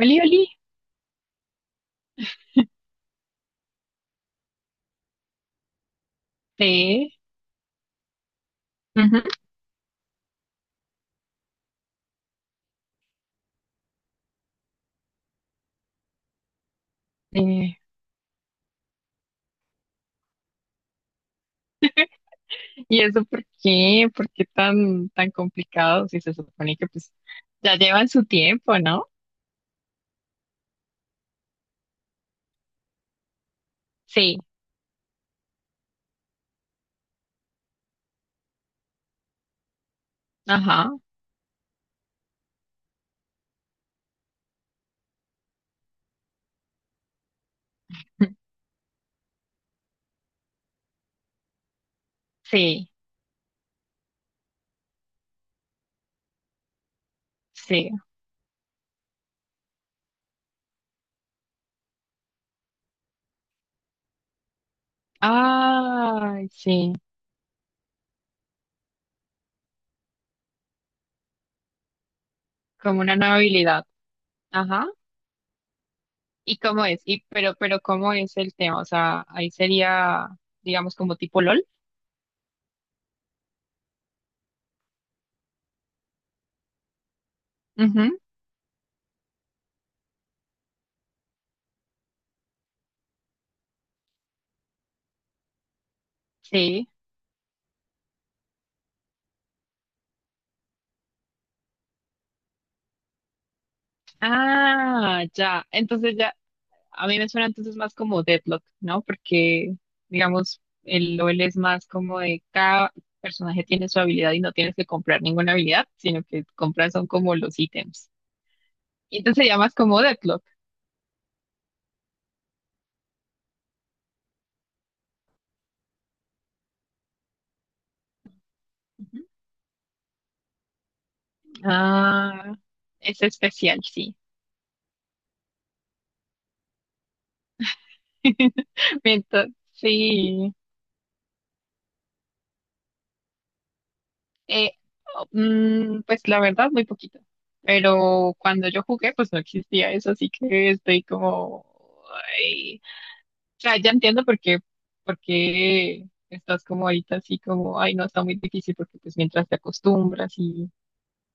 Oli, oli. Sí. Ujú. eh, ¿Y eso por qué? ¿Por qué tan, tan complicado? Si se supone que pues ya llevan su tiempo, ¿no? Sí, ajá. Sí, sí. Ay, sí. Como una nueva habilidad. Ajá. ¿Y cómo es? Pero ¿cómo es el tema? O sea, ahí sería, digamos, como tipo LOL. Ujú, sí. Ah, ya. Entonces ya. A mí me suena entonces más como Deadlock, ¿no? Porque, digamos, el LOL es más como de cada personaje tiene su habilidad y no tienes que comprar ninguna habilidad, sino que compras son como los ítems. Y entonces se más como Deadlock. Ujú. Ah, es especial, sí. Entonces sí. Eh, oh, pues la verdad, muy poquito. Pero cuando yo jugué, pues no existía eso, así que estoy como sea, ya entiendo por qué estás como ahorita así como, ay, no, está muy difícil porque pues mientras te acostumbras y,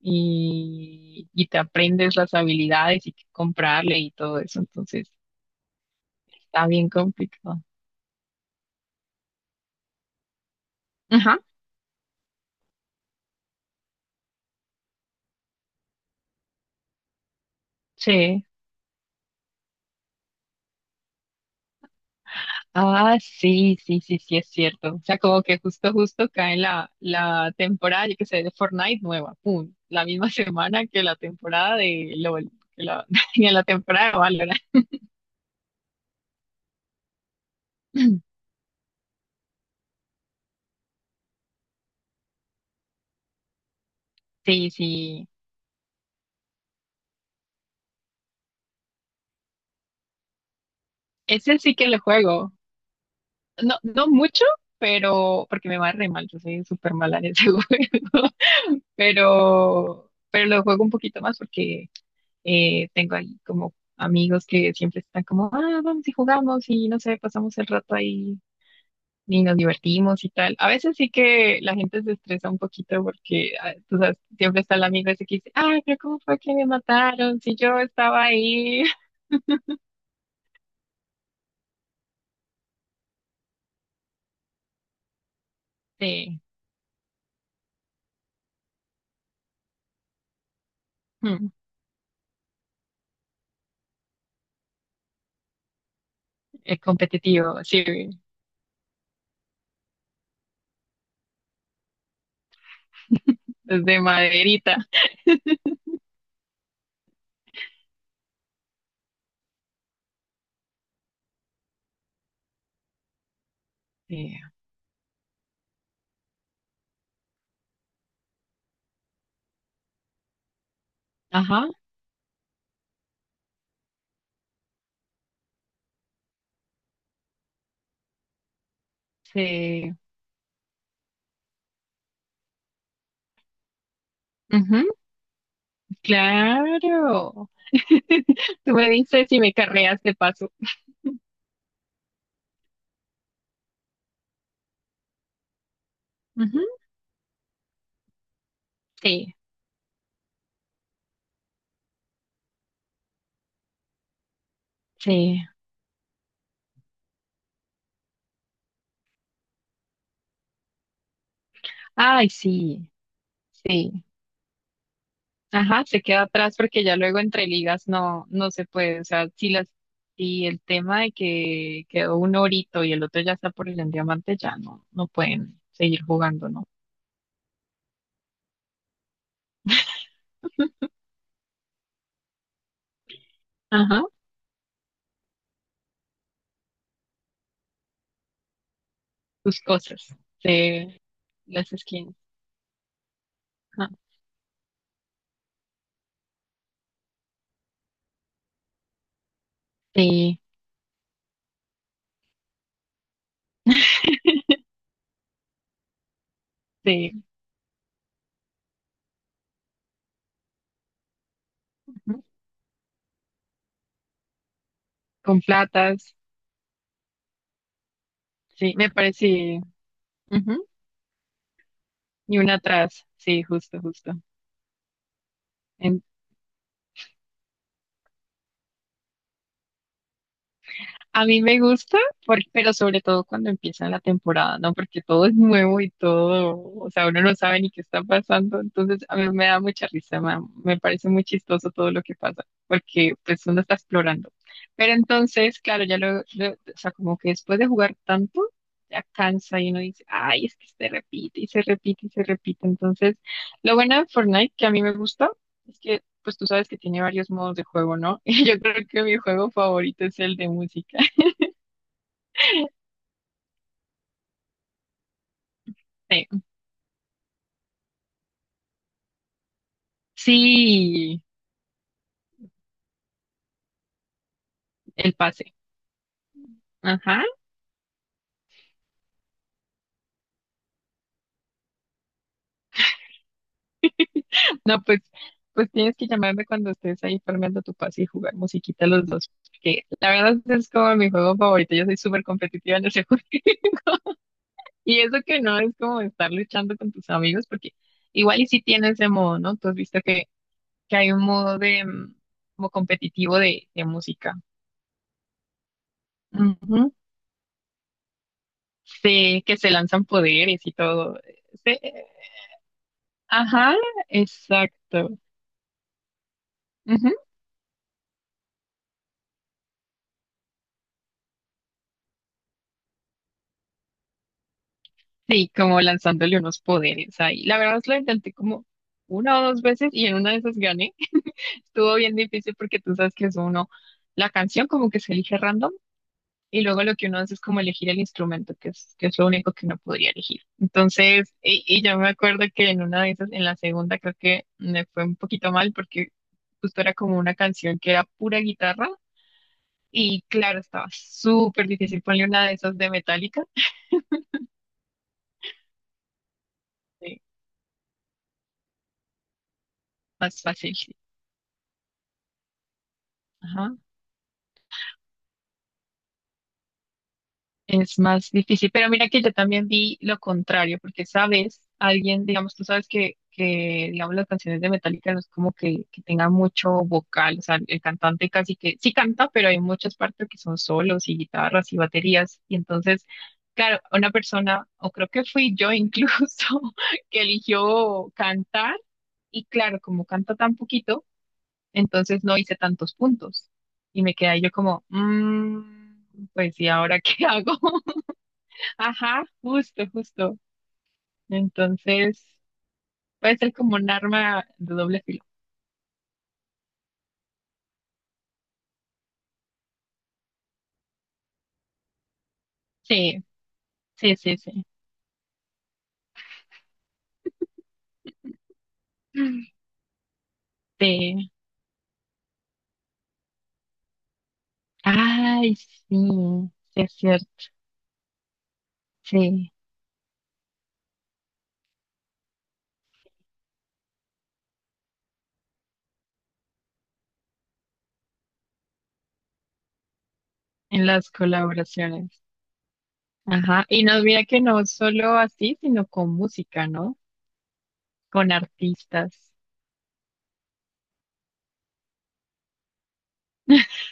y, y te aprendes las habilidades y qué comprarle y todo eso, entonces está bien complicado. Ajá, sí. Ah, sí, sí, sí, sí, es cierto. O sea, como que justo, justo cae la temporada, yo qué sé, de Fortnite nueva, pum, la misma semana que la temporada de LOL, que la temporada de Valorant. Sí, sí. Ese sí que lo juego. No, no mucho, pero porque me va re mal, yo soy súper mala en ese juego. Pero lo juego un poquito más porque tengo ahí como amigos que siempre están como, ah, vamos y jugamos y no sé, pasamos el rato ahí y nos divertimos y tal. A veces sí que la gente se estresa un poquito porque, ah, tú sabes, siempre está el amigo ese que dice, ay, pero ¿cómo fue que me mataron si yo estaba ahí? Sí, mm, es competitivo, sí, desde maderita. Sí, ajá, sí. Ujú, claro. Tú me dices si me carreas de paso. Ujú, sí, sí. Ay, sí, sí. Ajá, se queda atrás porque ya luego entre ligas no, no se puede. O sea, si el tema de que quedó un orito y el otro ya está por el diamante, ya no, no pueden seguir jugando, ¿no? Ajá, sus cosas. Sí, las skins. Ajá, sí, sí. Ujú, con platas. Sí, me parece. Ujú, y una atrás. Sí, justo, justo. A mí me gusta, pero sobre todo cuando empieza la temporada, ¿no? Porque todo es nuevo y todo, o sea, uno no sabe ni qué está pasando. Entonces, a mí me da mucha risa, me parece muy chistoso todo lo que pasa, porque pues uno está explorando. Pero entonces, claro, ya o sea, como que después de jugar tanto, ya cansa y uno dice, ay, es que se repite y se repite y se repite. Entonces, lo bueno de Fortnite, que a mí me gusta, es que pues tú sabes que tiene varios modos de juego, ¿no? Y yo creo que mi juego favorito es el de música. Sí, sí, el pase. Ajá. No, pues tienes que llamarme cuando estés ahí formando tu pase y jugar musiquita los dos. Que la verdad es como mi juego favorito. Yo soy súper competitiva en ese juego. Y eso que no es como estar luchando con tus amigos, porque igual y si tienes ese modo, ¿no? Tú has visto que hay un modo de como competitivo de música. Ujú. Sí, que se lanzan poderes y todo. Sí, ajá, exacto. Ujú. Sí, como lanzándole unos poderes ahí. La verdad, lo intenté como una o dos veces y en una de esas gané. Estuvo bien difícil porque tú sabes que es uno, la canción como que se elige random y luego lo que uno hace es como elegir el instrumento, que es lo único que uno podría elegir. Entonces, y yo me acuerdo que en una de esas, en la segunda creo que me fue un poquito mal porque justo era como una canción que era pura guitarra y claro, estaba súper difícil ponerle una de esas de Metallica. Sí, más fácil, sí. Es más difícil, pero mira que yo también vi lo contrario, porque sabes, alguien, digamos, tú sabes que digamos, las canciones de Metallica no es como que tengan mucho vocal, o sea, el cantante casi que sí canta, pero hay muchas partes que son solos y guitarras y baterías, y entonces, claro, una persona, o creo que fui yo incluso, que eligió cantar, y claro, como canta tan poquito, entonces no hice tantos puntos, y me quedé ahí yo como, "Mm, pues, ¿y ahora qué hago? Ajá, justo, justo. Entonces, puede ser como un arma de doble filo. Sí, sí, sí, sí. Sí. Ay, sí, sí es cierto. Sí, en las colaboraciones. Ajá. Y nos mira que no solo así, sino con música, ¿no? Con artistas.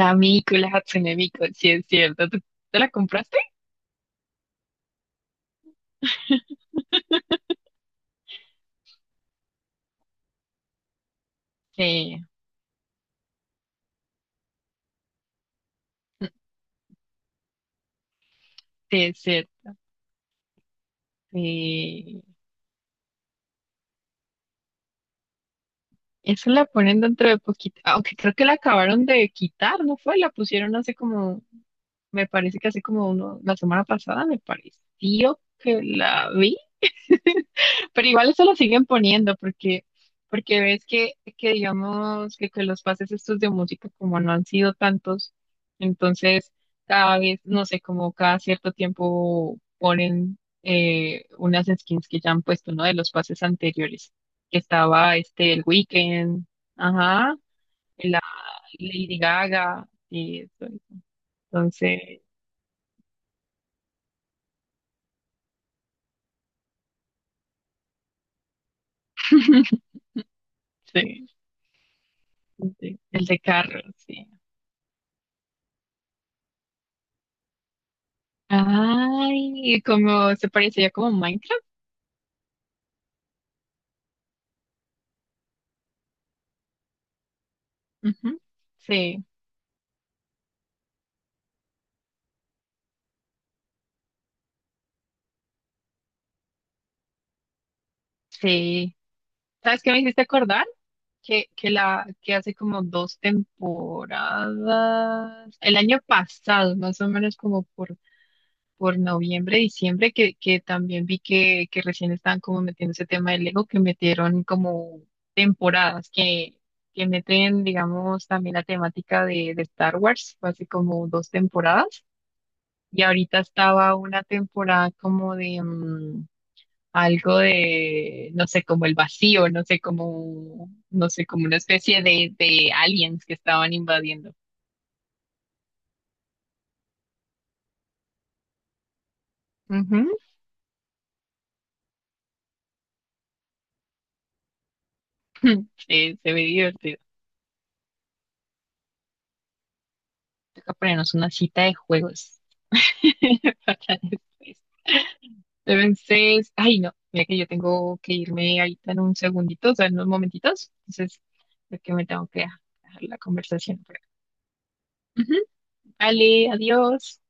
La Miku, la Hatsune Miku, sí es cierto. ¿Te la compraste? Sí, sí es cierto. Sí. Esa la ponen dentro de poquito, aunque creo que la acabaron de quitar, ¿no fue? La pusieron hace como, me parece que hace como uno, la semana pasada, me pareció que la vi. Pero igual eso lo siguen poniendo porque, porque ves que digamos que los pases estos de música como no han sido tantos, entonces cada vez, no sé, como cada cierto tiempo ponen unas skins que ya han puesto, ¿no? De los pases anteriores, que estaba este el Weeknd, ajá, la Lady Gaga y eso. Entonces, sí, sí, el de carro, sí. Ay, como se parecía como Minecraft. Ujú. Sí, sí. ¿Sabes qué me hiciste acordar? Que hace como dos temporadas, el año pasado, más o menos como por noviembre, diciembre, que también vi que recién estaban como metiendo ese tema del Lego, que metieron como temporadas, que meten, digamos, también la temática de Star Wars, fue hace como dos temporadas, y ahorita estaba una temporada como de, algo de, no sé, como el vacío, no sé, como, no sé, como una especie de aliens que estaban invadiendo. Ujú. Sí, se ve divertido. Toca ponernos una cita de juegos para después. Entonces, ay no, mira que yo tengo que irme ahorita en un segundito, o sea, en unos momentitos. Entonces, creo que me tengo que dejar la conversación por acá. Ujú. Vale, adiós.